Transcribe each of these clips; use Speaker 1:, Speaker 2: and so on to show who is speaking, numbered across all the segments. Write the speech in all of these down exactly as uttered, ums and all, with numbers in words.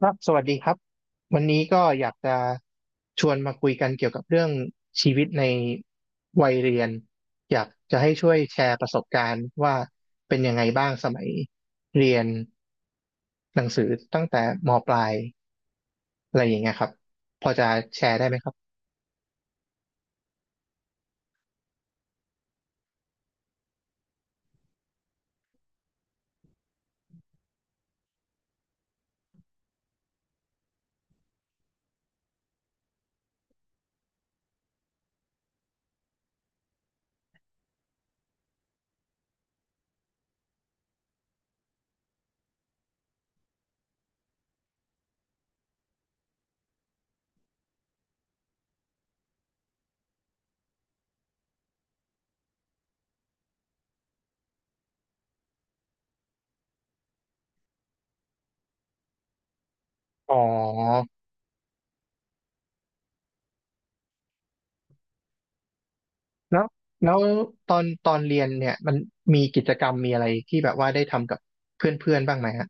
Speaker 1: ครับสวัสดีครับวันนี้ก็อยากจะชวนมาคุยกันเกี่ยวกับเรื่องชีวิตในวัยเรียนอยากจะให้ช่วยแชร์ประสบการณ์ว่าเป็นยังไงบ้างสมัยเรียนหนังสือตั้งแต่มปลายอะไรอย่างเงี้ยครับพอจะแชร์ได้ไหมครับอ๋อแล้วแล้วตอนตอนเรียนเนี่ยมันมีกิจกรรมมีอะไรที่แบบว่าได้ทำกับเพื่อนๆบ้างไหมฮะ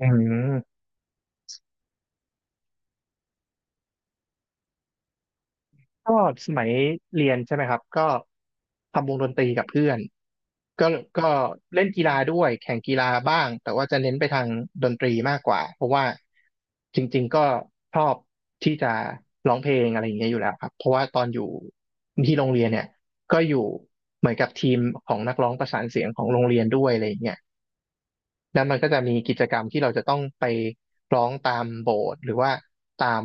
Speaker 1: อืม ก็สมัยเรียนใช่ไหมครับก็ทำวงดนตรีกับเพื่อนก็ก็เล่นกีฬาด้วยแข่งกีฬาบ้างแต่ว่าจะเน้นไปทางดนตรีมากกว่าเพราะว่าจริงๆก็ชอบที่จะร้องเพลงอะไรอย่างเงี้ยอยู่แล้วครับเพราะว่าตอนอยู่ที่โรงเรียนเนี่ยก็อยู่เหมือนกับทีมของนักร้องประสานเสียงของโรงเรียนด้วยอะไรอย่างเงี้ย แล้วมันก็จะมีกิจกรรมที่เราจะต้องไปร้องตามโบสถ์หรือว่าตาม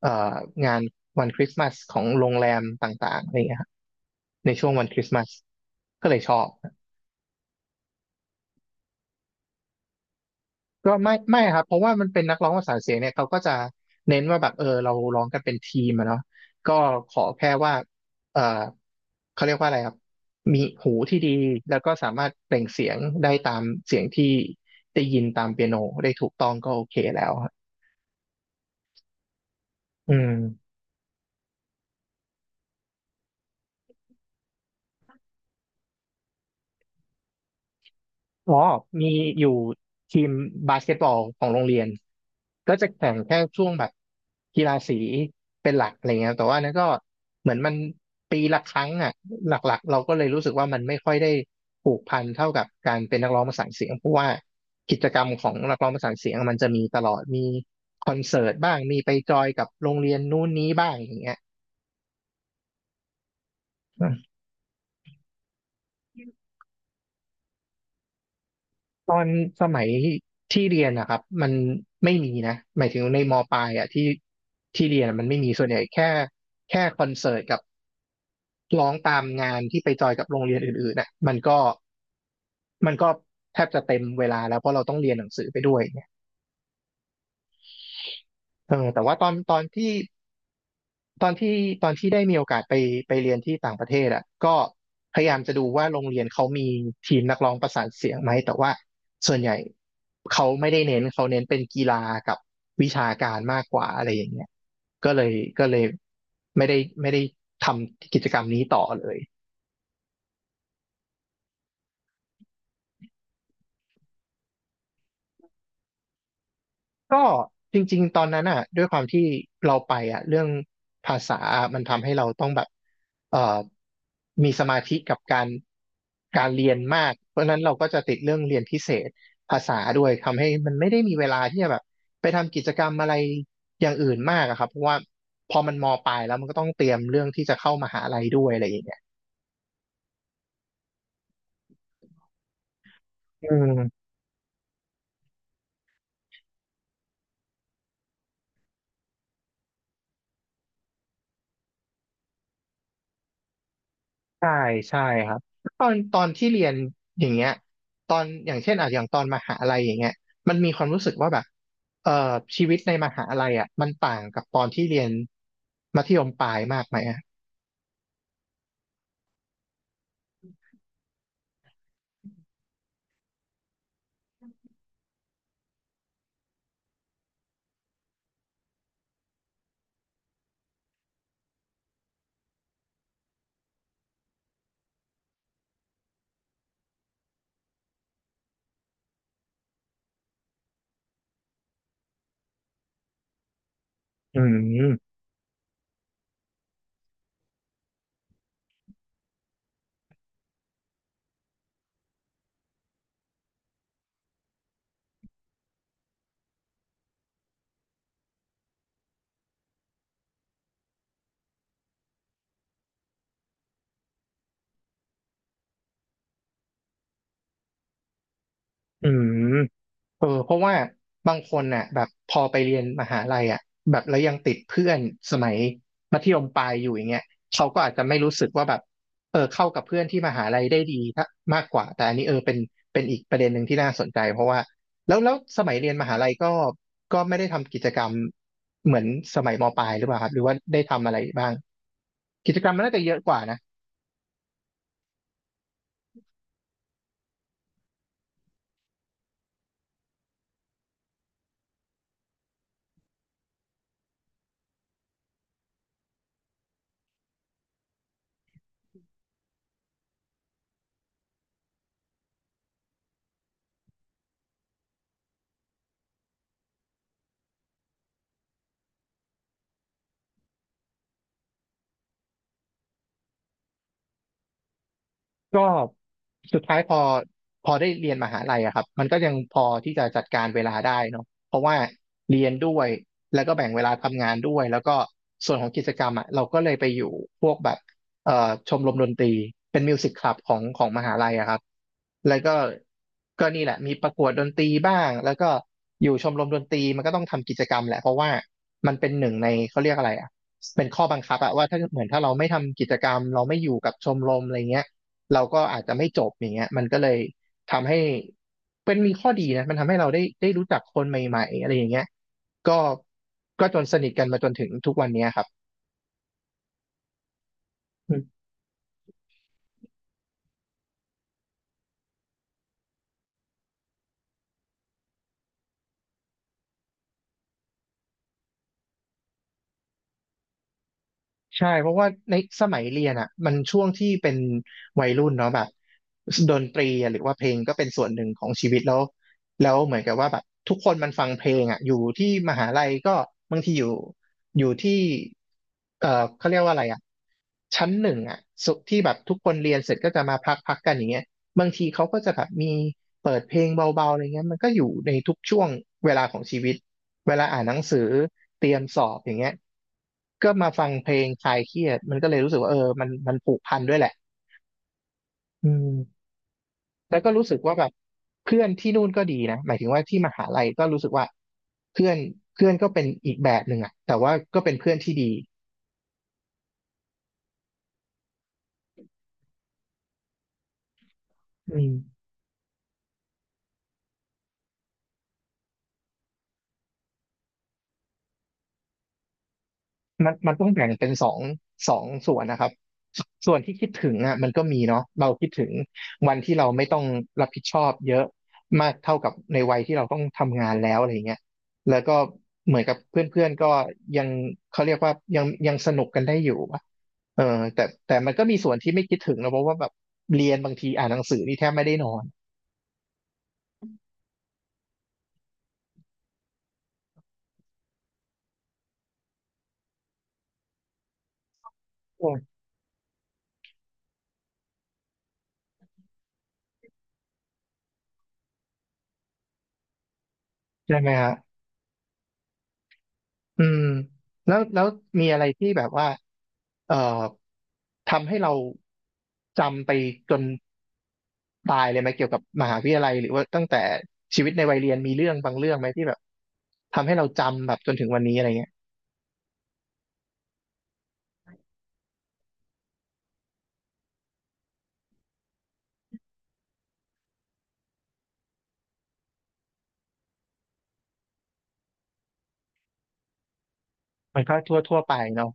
Speaker 1: เอ่องานวันคริสต์มาสของโรงแรมต่างๆอะไรอย่างเงี้ยครับในช่วงวันคริสต์มาสก็เลยชอบก็ไม่ไม่ครับเพราะว่ามันเป็นนักร้องประสานเสียงเนี่ยเขาก็จะเน้นว่าแบบเออเราร้องกันเป็นทีมอะเนาะก็ขอแค่ว่าเออเขาเรียกว่าอะไรครับมีหูที่ดีแล้วก็สามารถเปล่งเสียงได้ตามเสียงที่ได้ยินตามเปียโนได้ถูกต้องก็โอเคแล้วครับอืม อ๋อมีอยู่ทีมบาสเกตบอลของโรงเรียน ก็จะแข่งแค่ช่วงแบบกีฬาสีเป็นหลักอะไรเงี้ยแต่ว่านั้นก็เหมือนมันปีละครั้งอ่ะหลักๆเราก็เลยรู้สึกว่ามันไม่ค่อยได้ผูกพันเท่ากับการเป็นนักร้องประสานเสียงเพราะว่ากิจกรรมของนักร้องประสานเสียงมันจะมีตลอดมีคอนเสิร์ตบ้างมีไปจอยกับโรงเรียนนู้นนี้บ้างอย่างเงี้ย ตอนสมัยที่เรียนนะครับมันไม่มีนะหมายถึงในมปลายอ่ะที่ที่เรียนอะมันไม่มีส่วนใหญ่แค่แค่คอนเสิร์ตกับร้องตามงานที่ไปจอยกับโรงเรียนอื่นๆนะมันก็มันก็แทบจะเต็มเวลาแล้วเพราะเราต้องเรียนหนังสือไปด้วยเนี่ยเออแต่ว่าตอนตอนที่ ตอนที่ตอนที่ได้มีโอกาสไปไปเรียนที่ต่างประเทศอ่ะก็พยายามจะดูว่าโรงเรียนเขามีทีมนักร้องประสานเสียงไหมแต่ว่าส่วนใหญ่เขาไม่ได้เน้นเขาเน้นเป็นกีฬากับวิชาการมากกว่าอะไรอย่างเงี้ยก็เลยก็เลยไม่ได้ไม่ได้ทำกิจกรรมนี้ต่อเลย ก็จริงๆตอนนั้นอ่ะด้วยความที่เราไปอ่ะเรื่องภาษาอะมันทำให้เราต้องแบบเอ่อมีสมาธิกับการการเรียนมากเพราะฉะนั้นเราก็จะติดเรื่องเรียนพิเศษภาษาด้วยทำให้มันไม่ได้มีเวลาที่จะแบบไปทำกิจกรรมอะไรอย่างอื่นมากอะครับเพราะว่าพอมันมปลายแล้วมันก็ต้องเตรียมเรื่องที่จะเข้ามหาลัยด้วยอะไรอย่างเงี้ยอืม ใช่ใช่ครับตอนตอนที่เรียนอย่างเงี้ยตอนอย่างเช่นอ่ะอย่างตอนมหาลัยอย่างเงี้ยมันมีความรู้สึกว่าแบบเอ่อชีวิตในมหาลัยอ่ะมันต่างกับตอนที่เรียนมัธยมปลายมากไหมอ่ะอืมอืม เออเพราะว่าบางคนน่ะแบบพอไปเรียนมหาลัยอ่ะแบบแล้วยังติดเพื่อนสมัยมัธยมปลายอยู่อย่างเงี้ยเขาก็อาจจะไม่รู้สึกว่าแบบเออเข้ากับเพื่อนที่มหาลัยได้ดีถ้ามากกว่าแต่อันนี้เออเป็นเป็นอีกประเด็นหนึ่งที่น่าสนใจเพราะว่าแล้วแล้วสมัยเรียนมหาลัยก็ก็ไม่ได้ทำกิจกรรมเหมือนสมัยมปลายหรือเปล่าครับหรือว่าได้ทำอะไรบ้างกิจกรรมมันน่าจะเยอะกว่านะ ก็สุดท้ายพอพอได้เรียนมหาลัยอะครับมันก็ยังพอที่จะจัดการเวลาได้เนาะเพราะว่าเรียนด้วยแล้วก็แบ่งเวลาทำงานด้วยแล้วก็ส่วนของกิจกรรมอะเราก็เลยไปอยู่พวกแบบเอ่อชมรมดนตรีเป็นมิวสิกคลับของของมหาลัยอะครับแล้วก็ก็นี่แหละมีประกวดดนตรีบ้างแล้วก็อยู่ชมรมดนตรีมันก็ต้องทำกิจกรรมแหละเพราะว่ามันเป็นหนึ่งในเขาเรียกอะไรอะเป็นข้อบังคับอะว่าถ้าเหมือนถ้าเราไม่ทำกิจกรรมเราไม่อยู่กับชมรมอะไรเงี้ย เราก็อาจจะไม่จบอย่างเงี้ยมันก็เลยทำให้เป็นมีข้อดีนะมันทำให้เราได้ได้รู้จักคนใหม่ๆอะไรอย่างเงี้ยก็ก็จนสนิทกันมาจนถึงทุกวันเนี้ยครับ ใช่เพราะว่าในสมัยเรียนอ่ะมันช่วงที่เป็นวัยรุ่นเนาะแบบดนตรีอะหรือว่าเพลงก็เป็นส่วนหนึ่งของชีวิตแล้วแล้วเหมือนกับว่าแบบทุกคนมันฟังเพลงอ่ะอยู่ที่มหาลัยก็บางทีอยู่อยู่ที่เอ่อเขาเรียกว่าอะไรอ่ะชั้นหนึ่งอ่ะสุที่แบบทุกคนเรียนเสร็จก็จะมาพักพักกันอย่างเงี้ย บางทีเขาก็จะแบบมีเปิดเพลงเบาๆอะไรเงี้ยมันก็อยู่ในทุกช่วงเวลาของชีวิตเวลาอ่านหนังสือเตรียมสอบอย่างเงี้ยก็มาฟังเพลงคลายเครียดมันก็เลยรู้สึกว่าเออมันมันผูกพันด้วยแหละอืมแล้วก็รู้สึกว่าแบบเพื่อนที่นู่นก็ดีนะหมายถึงว่าที่มหาลัยก็รู้สึกว่าเพื่อนเพื่อนก็เป็นอีกแบบหนึ่งอะแต่ว่าก็เป็นเพื่อนที่ดีอืม มันมันต้องแบ่งเป็นสองสองส่วนนะครับส่วนที่คิดถึงอ่ะมันก็มีเนาะเราคิดถึงวันที่เราไม่ต้องรับผิดชอบเยอะมากเท่ากับในวัยที่เราต้องทำงานแล้วอะไรเงี้ยแล้วก็เหมือนกับเพื่อนๆก็ยังเขาเรียกว่ายังยังสนุกกันได้อยู่อะเออแต่แต่มันก็มีส่วนที่ไม่คิดถึงนะเพราะว่าแบบเรียนบางทีอ่านหนังสือนี่แทบไม่ได้นอนใช่ไหมฮะอืมแล้วแล้วมีอะไรที่แบบว่า เอ่อทำให้เราจำไปจนตายเลยไหมเกี่ยวกับมหาวิทยาลัยหรือว่าตั้งแต่ชีวิตในวัยเรียนมีเรื่องบางเรื่องไหมที่แบบทำให้เราจำแบบจนถึงวันนี้อะไรเงี้ยมันก็ทั่วทั่วไปเนาะ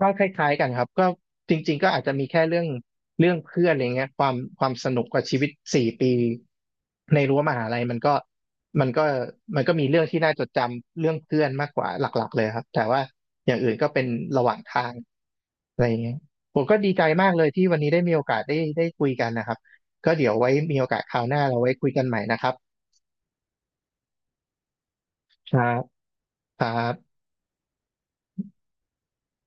Speaker 1: ก็คล้ายๆกันครับก็จริงๆก็อาจจะมีแค่เรื่องเรื่องเพื่อนอะไรเงี้ยความความสนุกกับชีวิตสี่ปีในรั้วมหาลัยมันก็มันก็มันก็มีเรื่องที่น่าจดจำเรื่องเพื่อนมากกว่าหลักๆเลยครับแต่ว่าอย่างอื่นก็เป็นระหว่างทาง อะไรอย่างเงี้ยผมก็ดีใจมากเลยที่วันนี้ได้มีโอกาสได้ได้คุยกันนะครับ ก็เดี๋ยวไว้มีโอกาสคราวหน้าเราไว้คุยกันใหม่นะครับครับครับ